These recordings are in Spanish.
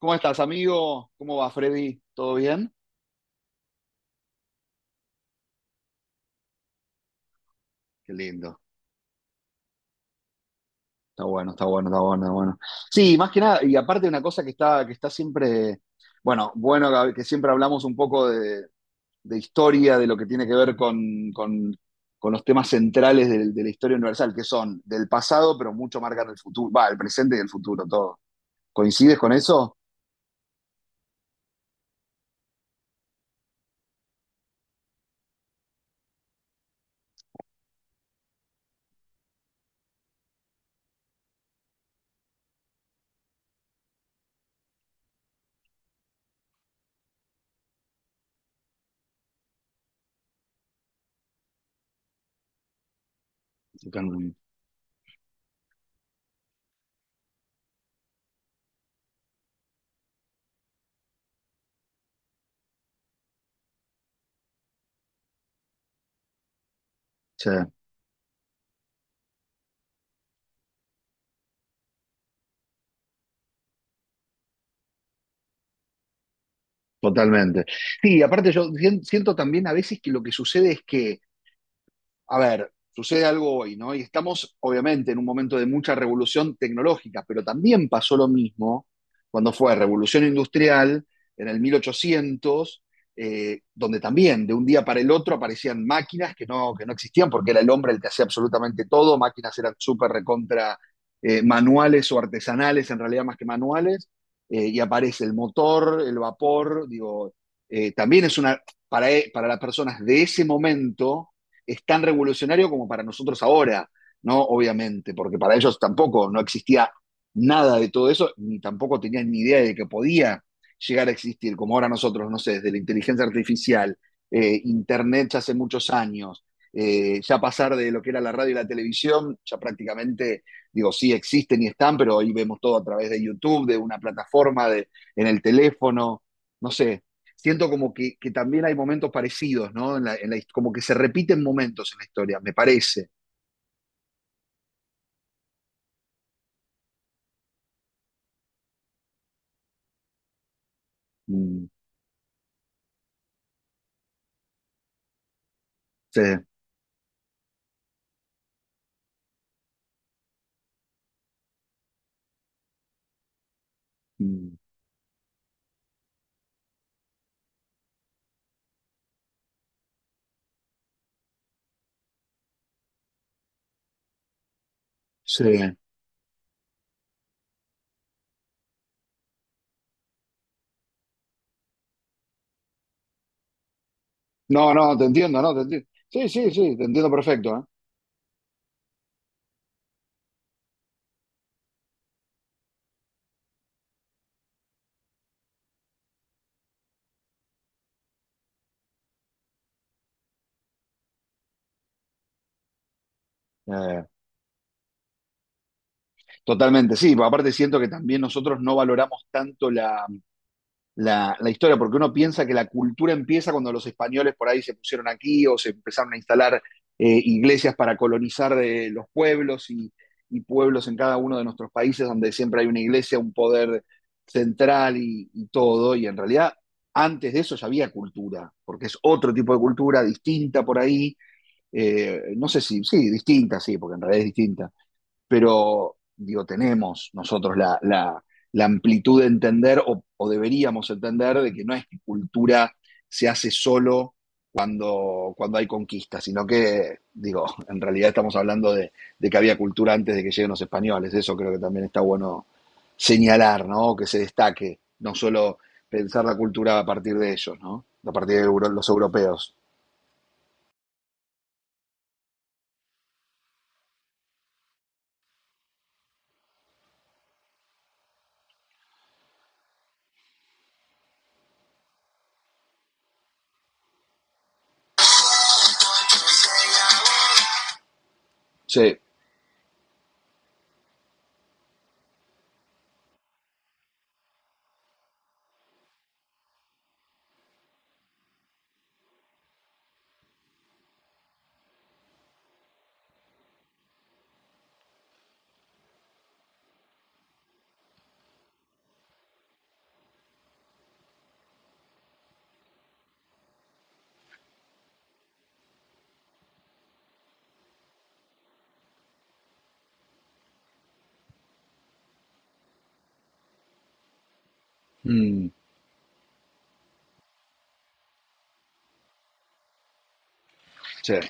¿Cómo estás, amigo? ¿Cómo va, Freddy? ¿Todo bien? Qué lindo. Está bueno. Sí, más que nada, y aparte una cosa que está siempre, bueno, Gaby, que siempre hablamos un poco de historia, de lo que tiene que ver con los temas centrales de la historia universal, que son del pasado, pero mucho marcan el futuro, va, el presente y el futuro, todo. ¿Coincides con eso? Totalmente. Sí, totalmente. Sí, aparte yo siento también a veces que lo que sucede es que a ver, sucede algo hoy, ¿no? Y estamos obviamente en un momento de mucha revolución tecnológica, pero también pasó lo mismo cuando fue revolución industrial en el 1800, donde también de un día para el otro aparecían máquinas que no existían porque era el hombre el que hacía absolutamente todo, máquinas eran súper recontra manuales o artesanales, en realidad más que manuales, y aparece el motor, el vapor, digo, también es una, para las personas de ese momento, es tan revolucionario como para nosotros ahora, ¿no? Obviamente, porque para ellos tampoco no existía nada de todo eso, ni tampoco tenían ni idea de que podía llegar a existir, como ahora nosotros, no sé, desde la inteligencia artificial, Internet ya hace muchos años, ya pasar de lo que era la radio y la televisión, ya prácticamente, digo, sí existen y están, pero hoy vemos todo a través de YouTube, de una plataforma, de, en el teléfono, no sé, siento como que también hay momentos parecidos, ¿no? Como que se repiten momentos en la historia, me parece. Mm, sí, mm, sí. No, no, te entiendo, no, te entiendo. Sí, sí, sí, te entiendo perfecto, ¿eh? Totalmente, sí, aparte siento que también nosotros no valoramos tanto la historia, porque uno piensa que la cultura empieza cuando los españoles por ahí se pusieron aquí o se empezaron a instalar iglesias para colonizar los pueblos y pueblos en cada uno de nuestros países donde siempre hay una iglesia, un poder central y todo, y en realidad antes de eso ya había cultura, porque es otro tipo de cultura distinta por ahí, no sé si, sí, distinta, sí, porque en realidad es distinta, pero digo, tenemos nosotros la amplitud de entender o deberíamos entender de que no es que cultura se hace solo cuando hay conquista, sino que, digo, en realidad estamos hablando de que había cultura antes de que lleguen los españoles, eso creo que también está bueno señalar, ¿no? Que se destaque, no solo pensar la cultura a partir de ellos, ¿no? A partir de los europeos. Sí. Mm, sí.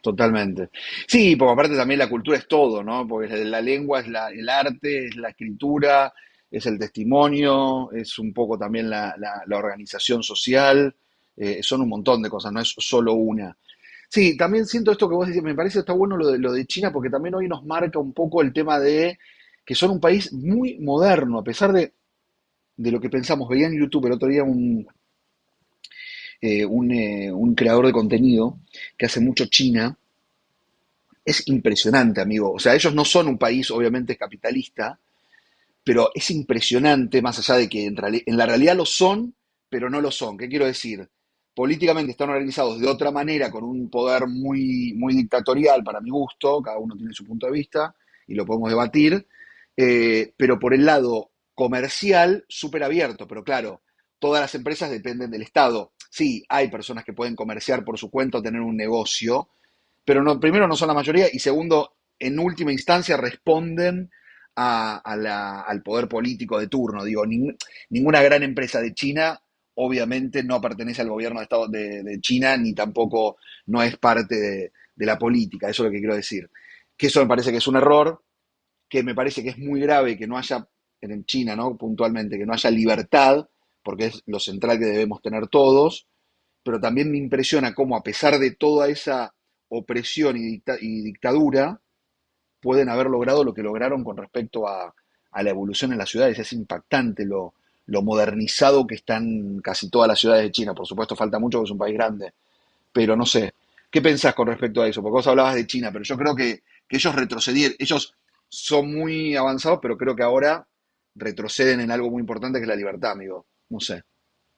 Totalmente. Sí, porque aparte también la cultura es todo, ¿no? Porque la lengua es la, el arte, es la escritura, es el testimonio, es un poco también la, la organización social, son un montón de cosas, no es solo una. Sí, también siento esto que vos decís, me parece está bueno lo de China porque también hoy nos marca un poco el tema de que son un país muy moderno, a pesar de lo que pensamos. Veía en YouTube el otro día un creador de contenido que hace mucho China es impresionante, amigo. O sea, ellos no son un país, obviamente, capitalista, pero es impresionante, más allá de que en la realidad lo son, pero no lo son. ¿Qué quiero decir? Políticamente están organizados de otra manera, con un poder muy dictatorial para mi gusto, cada uno tiene su punto de vista y lo podemos debatir, pero por el lado comercial, súper abierto, pero claro, todas las empresas dependen del Estado. Sí, hay personas que pueden comerciar por su cuenta o tener un negocio, pero no, primero no son la mayoría y segundo, en última instancia responden a al poder político de turno. Digo, ninguna gran empresa de China obviamente no pertenece al gobierno de, Estado, de China ni tampoco no es parte de la política, eso es lo que quiero decir. Que eso me parece que es un error, que me parece que es muy grave que no haya, en China, ¿no? Puntualmente, que no haya libertad, porque es lo central que debemos tener todos, pero también me impresiona cómo a pesar de toda esa opresión y, y dictadura, pueden haber logrado lo que lograron con respecto a la evolución en las ciudades. Es impactante lo modernizado que están casi todas las ciudades de China. Por supuesto, falta mucho porque es un país grande, pero no sé. ¿Qué pensás con respecto a eso? Porque vos hablabas de China, pero yo creo que ellos retrocedieron, ellos son muy avanzados, pero creo que ahora retroceden en algo muy importante que es la libertad, amigo. No sé,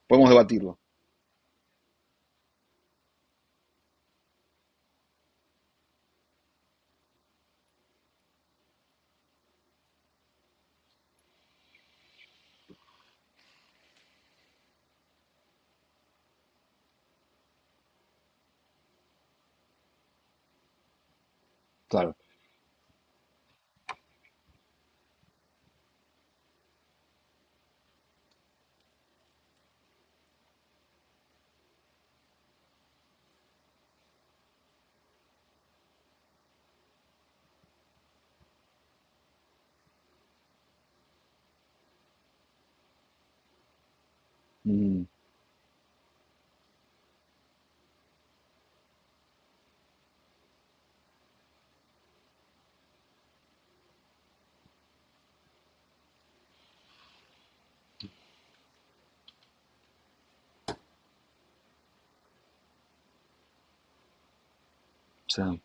podemos debatirlo. Claro. Mm, sí.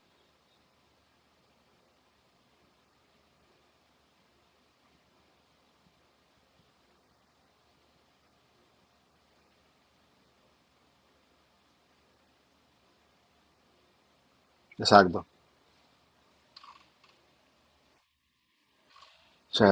Exacto. Sí.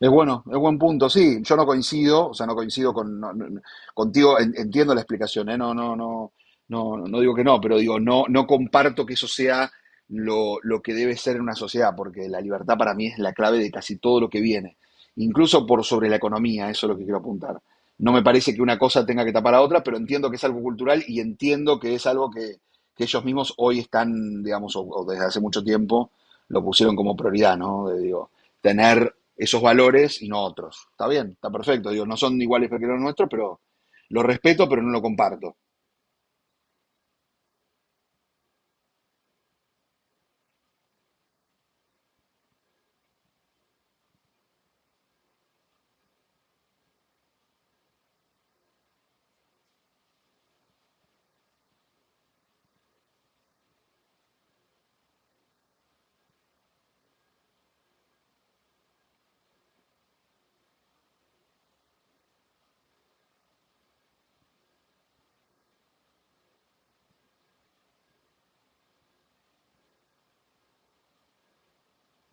Es bueno, es buen punto. Sí, yo no coincido, o sea, no coincido con, contigo, entiendo la explicación, ¿eh? No, no, digo que no, pero digo, no, no comparto que eso sea lo que debe ser en una sociedad, porque la libertad para mí es la clave de casi todo lo que viene, incluso por sobre la economía, eso es lo que quiero apuntar. No me parece que una cosa tenga que tapar a otra, pero entiendo que es algo cultural y entiendo que es algo que ellos mismos hoy están, digamos, o desde hace mucho tiempo lo pusieron como prioridad, ¿no? De, digo, tener esos valores y no otros. Está bien, está perfecto. Digo, no son iguales que los nuestros, pero lo respeto, pero no lo comparto.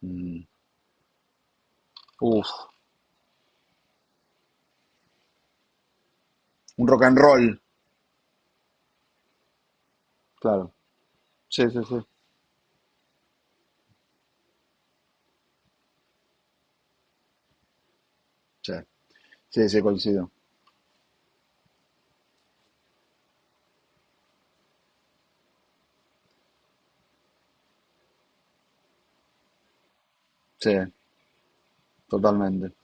Mm. Uf, un rock and roll. Claro. Sí, sí, sí. Sí, sí, sí, coincido. Sí, totalmente.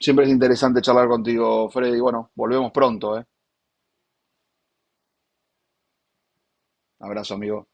Siempre es interesante charlar contigo, Freddy. Bueno, volvemos pronto, ¿eh? Abrazo, amigo.